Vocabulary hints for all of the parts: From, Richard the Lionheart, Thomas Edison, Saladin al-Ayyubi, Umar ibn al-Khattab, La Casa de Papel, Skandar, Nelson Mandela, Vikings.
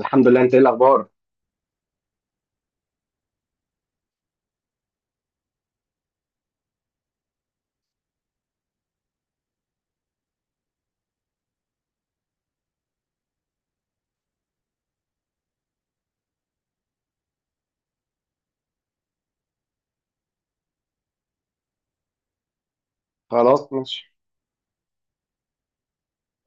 الحمد لله، انت ايه الاخبار؟ خلاص، ماشي.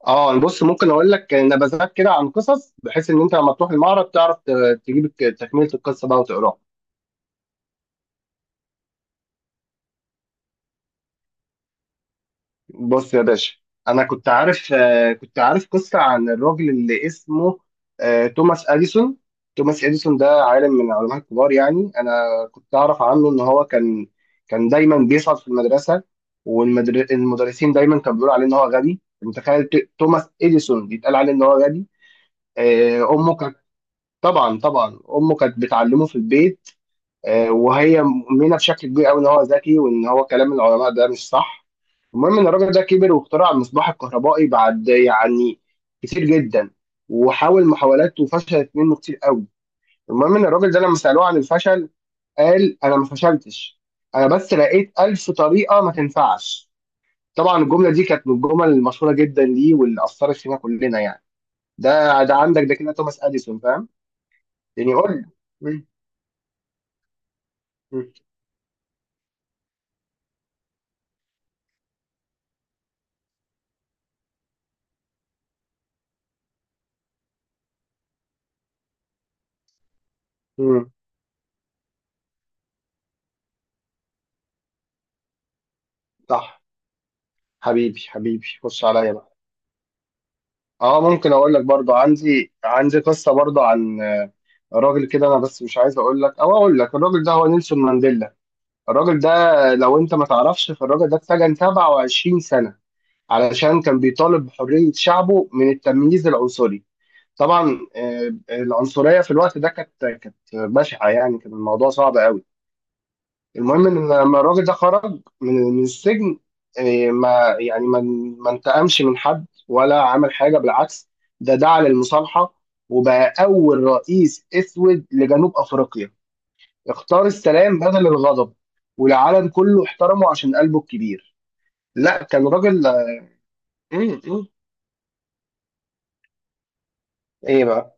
اه، بص، ممكن اقول لك نبذات كده عن قصص، بحيث ان انت لما تروح المعرض تعرف تجيب تكمله القصه بقى وتقراها. بص يا باشا. انا كنت عارف قصه عن الراجل اللي اسمه توماس اديسون. توماس اديسون ده عالم من العلماء الكبار، يعني انا كنت اعرف عنه ان هو كان دايما بيسقط في المدرسه. والمدرسين دايما كانوا بيقولوا عليه ان هو غبي. متخيل توماس اديسون بيتقال عليه ان هو غبي؟ امه، طبعا طبعا امه كانت بتعلمه في البيت. وهي مؤمنه بشكل كبير قوي ان هو ذكي، وان هو كلام العلماء ده مش صح. المهم ان الراجل ده كبر واخترع المصباح الكهربائي بعد، يعني، كتير جدا، وحاول محاولات وفشلت منه كتير قوي. المهم ان الراجل ده لما سالوه عن الفشل قال: انا ما فشلتش، انا بس لقيت ألف طريقه ما تنفعش. طبعا الجمله دي كانت من الجمل المشهوره جدا ليه، واللي اثرت فينا كلنا يعني. ده عندك، ده كده توماس اديسون، فاهم؟ يعني، قول لي. امم. صح. حبيبي حبيبي، خش عليا بقى. اه، ممكن اقول لك برضو. عندي قصه برضو عن راجل كده. انا بس مش عايز اقول لك، او اقول لك الراجل ده هو نيلسون مانديلا. الراجل ده، لو انت ما تعرفش، فالراجل ده اتسجن 27 سنه علشان كان بيطالب بحريه شعبه من التمييز العنصري. طبعا العنصريه في الوقت ده كانت بشعه، يعني كان الموضوع صعب قوي. المهم ان لما الراجل ده خرج من السجن، ما يعني ما انتقمش من حد ولا عمل حاجه، بالعكس. ده دعا للمصالحه، وبقى اول رئيس اسود لجنوب افريقيا. اختار السلام بدل الغضب، والعالم كله احترمه عشان قلبه الكبير. لا، كان راجل. مم، مم. ايه بقى؟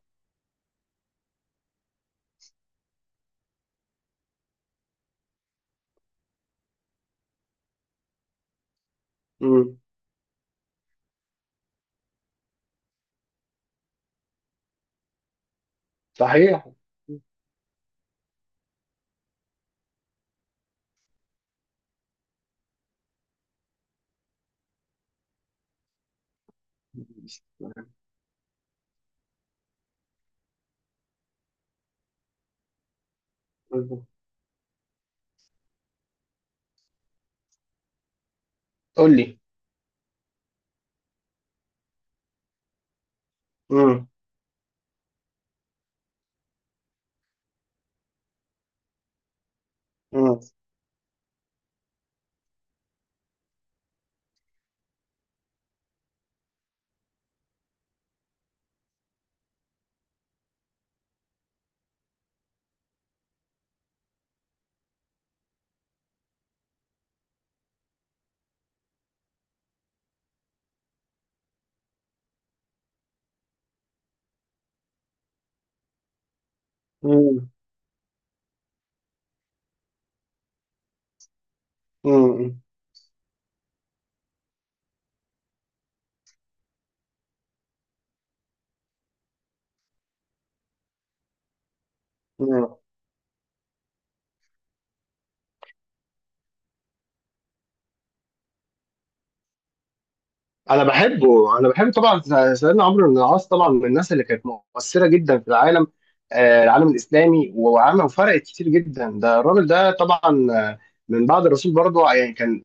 مم. صحيح. قول لي. مم. مم. مم. مم. مم. انا بحبه، انا بحبه طبعا. سيدنا عمرو بن العاص طبعا من الناس اللي كانت مؤثره جدا في العالم، العالم الاسلامي، وعمل وفرقت كتير جدا. ده الراجل ده طبعا، آه، من بعد الرسول برضه، يعني كان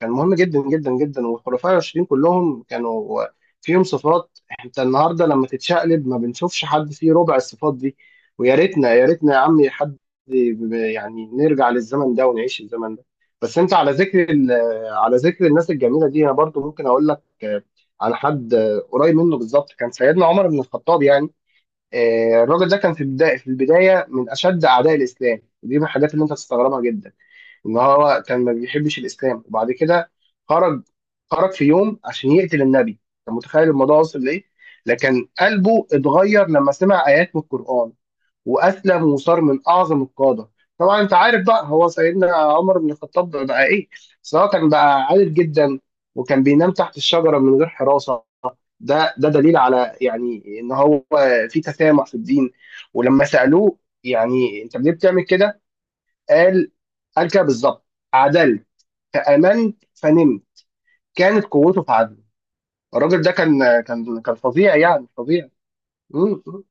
كان مهم جدا جدا جدا. والخلفاء الراشدين كلهم كانوا فيهم صفات. انت النهارده لما تتشقلب ما بنشوفش حد فيه ربع الصفات دي. ويا ريتنا، يا ريتنا يا عمي، حد يعني نرجع للزمن ده ونعيش الزمن ده. بس انت على ذكر الناس الجميله دي، انا برضو ممكن اقول لك على حد قريب منه بالظبط، كان سيدنا عمر بن الخطاب يعني. الراجل ده كان في البداية من أشد أعداء الإسلام. دي من الحاجات اللي أنت تستغربها جدا. إن هو كان ما بيحبش الإسلام، وبعد كده خرج خرج في يوم عشان يقتل النبي. أنت متخيل الموضوع وصل لإيه؟ لكن قلبه اتغير لما سمع آيات من القرآن، وأسلم وصار من أعظم القادة. طبعا أنت عارف بقى هو سيدنا عمر بن الخطاب بقى إيه؟ سواء كان بقى عادل جدا، وكان بينام تحت الشجرة من غير حراسة. ده ده دليل على، يعني، ان هو في تسامح في الدين. ولما سألوه يعني انت ليه بتعمل كده، قال قال كده بالظبط: عدلت، فآمنت، فنمت. كانت قوته في عدله. الراجل ده كان فظيع، يعني فظيع. مم، مم.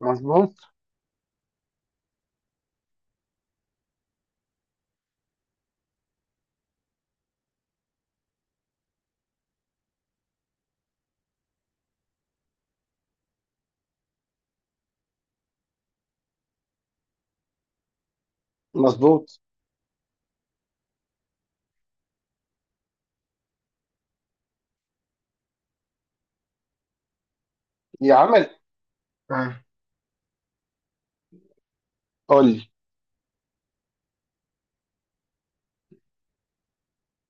مظبوط، مظبوط. يا عمل. آه. قول لي.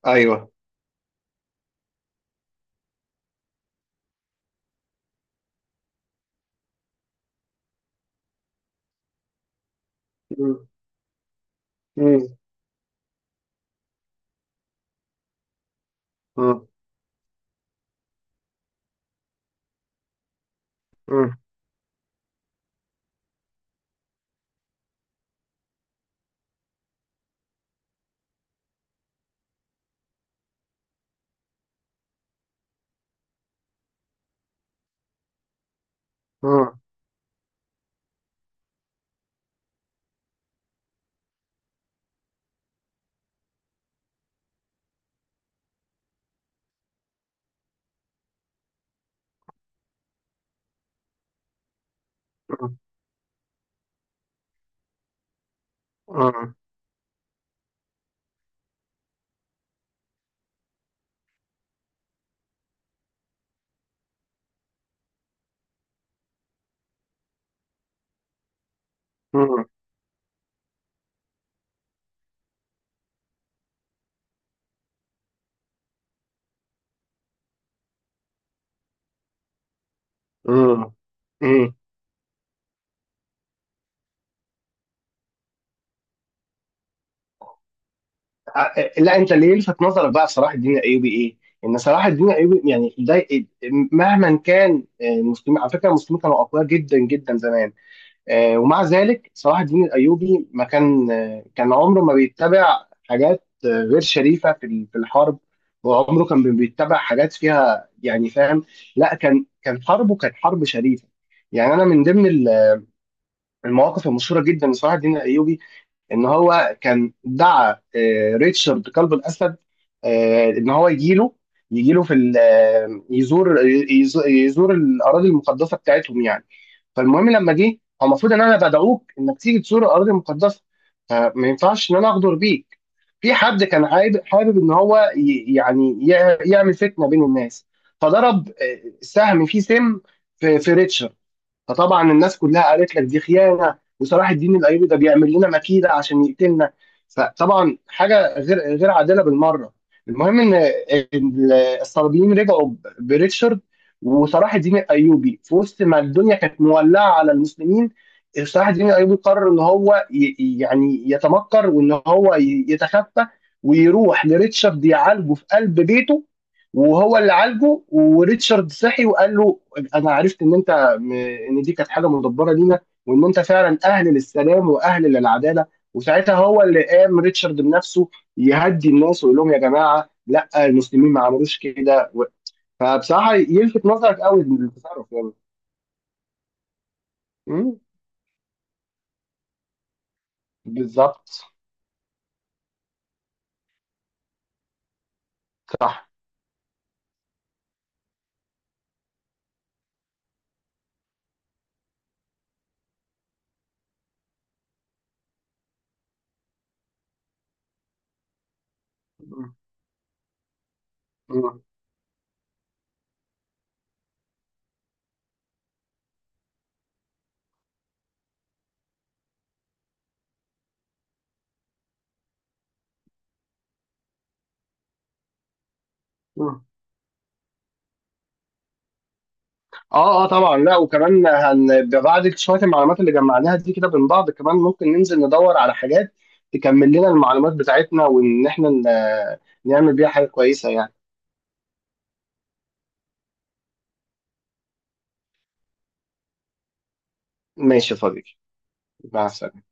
ايوه. مم، مم، مم، مم، مم، مم، مم، مم، مم. ع- لا، انت اللي يلفت نظرك بقى في صلاح الدين الايوبي ايه؟ ان صلاح الدين الايوبي يعني ده إيه؟ مهما كان، المسلمين، على فكره، المسلمين كانوا اقوياء جدا جدا زمان. ومع ذلك صلاح الدين الايوبي ما كان آه، كان عمره ما بيتبع حاجات غير شريفه في الحرب. وعمره كان بيتبع حاجات فيها، يعني، فاهم؟ لا، كان حربه كانت حرب شريفه. يعني انا من ضمن المواقف المشهوره جدا لصلاح الدين الايوبي، ان هو كان دعا ريتشارد قلب الاسد، ان هو يجيله، يجيله في ال- آه، يزور الاراضي المقدسه بتاعتهم، يعني. فالمهم، لما جه، هو المفروض ان انا بدعوك انك تيجي تزور الاراضي المقدسه، فما ينفعش ان انا اغدر بيك. في حد كان حابب ان هو يعمل فتنه بين الناس، فضرب سهم فيه سم في ريتشارد. فطبعا الناس كلها قالت لك دي خيانه، وصلاح الدين الايوبي ده بيعمل لنا مكيده عشان يقتلنا. فطبعا حاجه غير عادله بالمره. المهم ان ال- الصليبيين رجعوا بريتشارد. وصلاح الدين الايوبي، في وسط ما الدنيا كانت مولعه على المسلمين، صلاح الدين الايوبي قرر ان هو يعني يتمكر، وان هو يتخفى ويروح لريتشارد يعالجه في قلب بيته. وهو اللي عالجه، وريتشارد صحي وقال له: انا عرفت ان دي كانت حاجه مدبره لينا، وان انت فعلا اهل للسلام واهل للعداله. وساعتها هو اللي قام ريتشارد بنفسه يهدي الناس ويقول لهم: يا جماعه، لا، المسلمين ما عملوش كده. فبصراحه يلفت نظرك قوي التصرف، يعني. مم. بالظبط. صح. مم. مم. مم. اه، اه، طبعا. لا، وكمان هن بعد شويه المعلومات اللي جمعناها دي كده من بعض، كمان ممكن ننزل ندور على حاجات تكمل لنا المعلومات بتاعتنا، وان احنا نعمل بيها حاجه كويسه، يعني. ماشي يا صديقي. مع السلامة.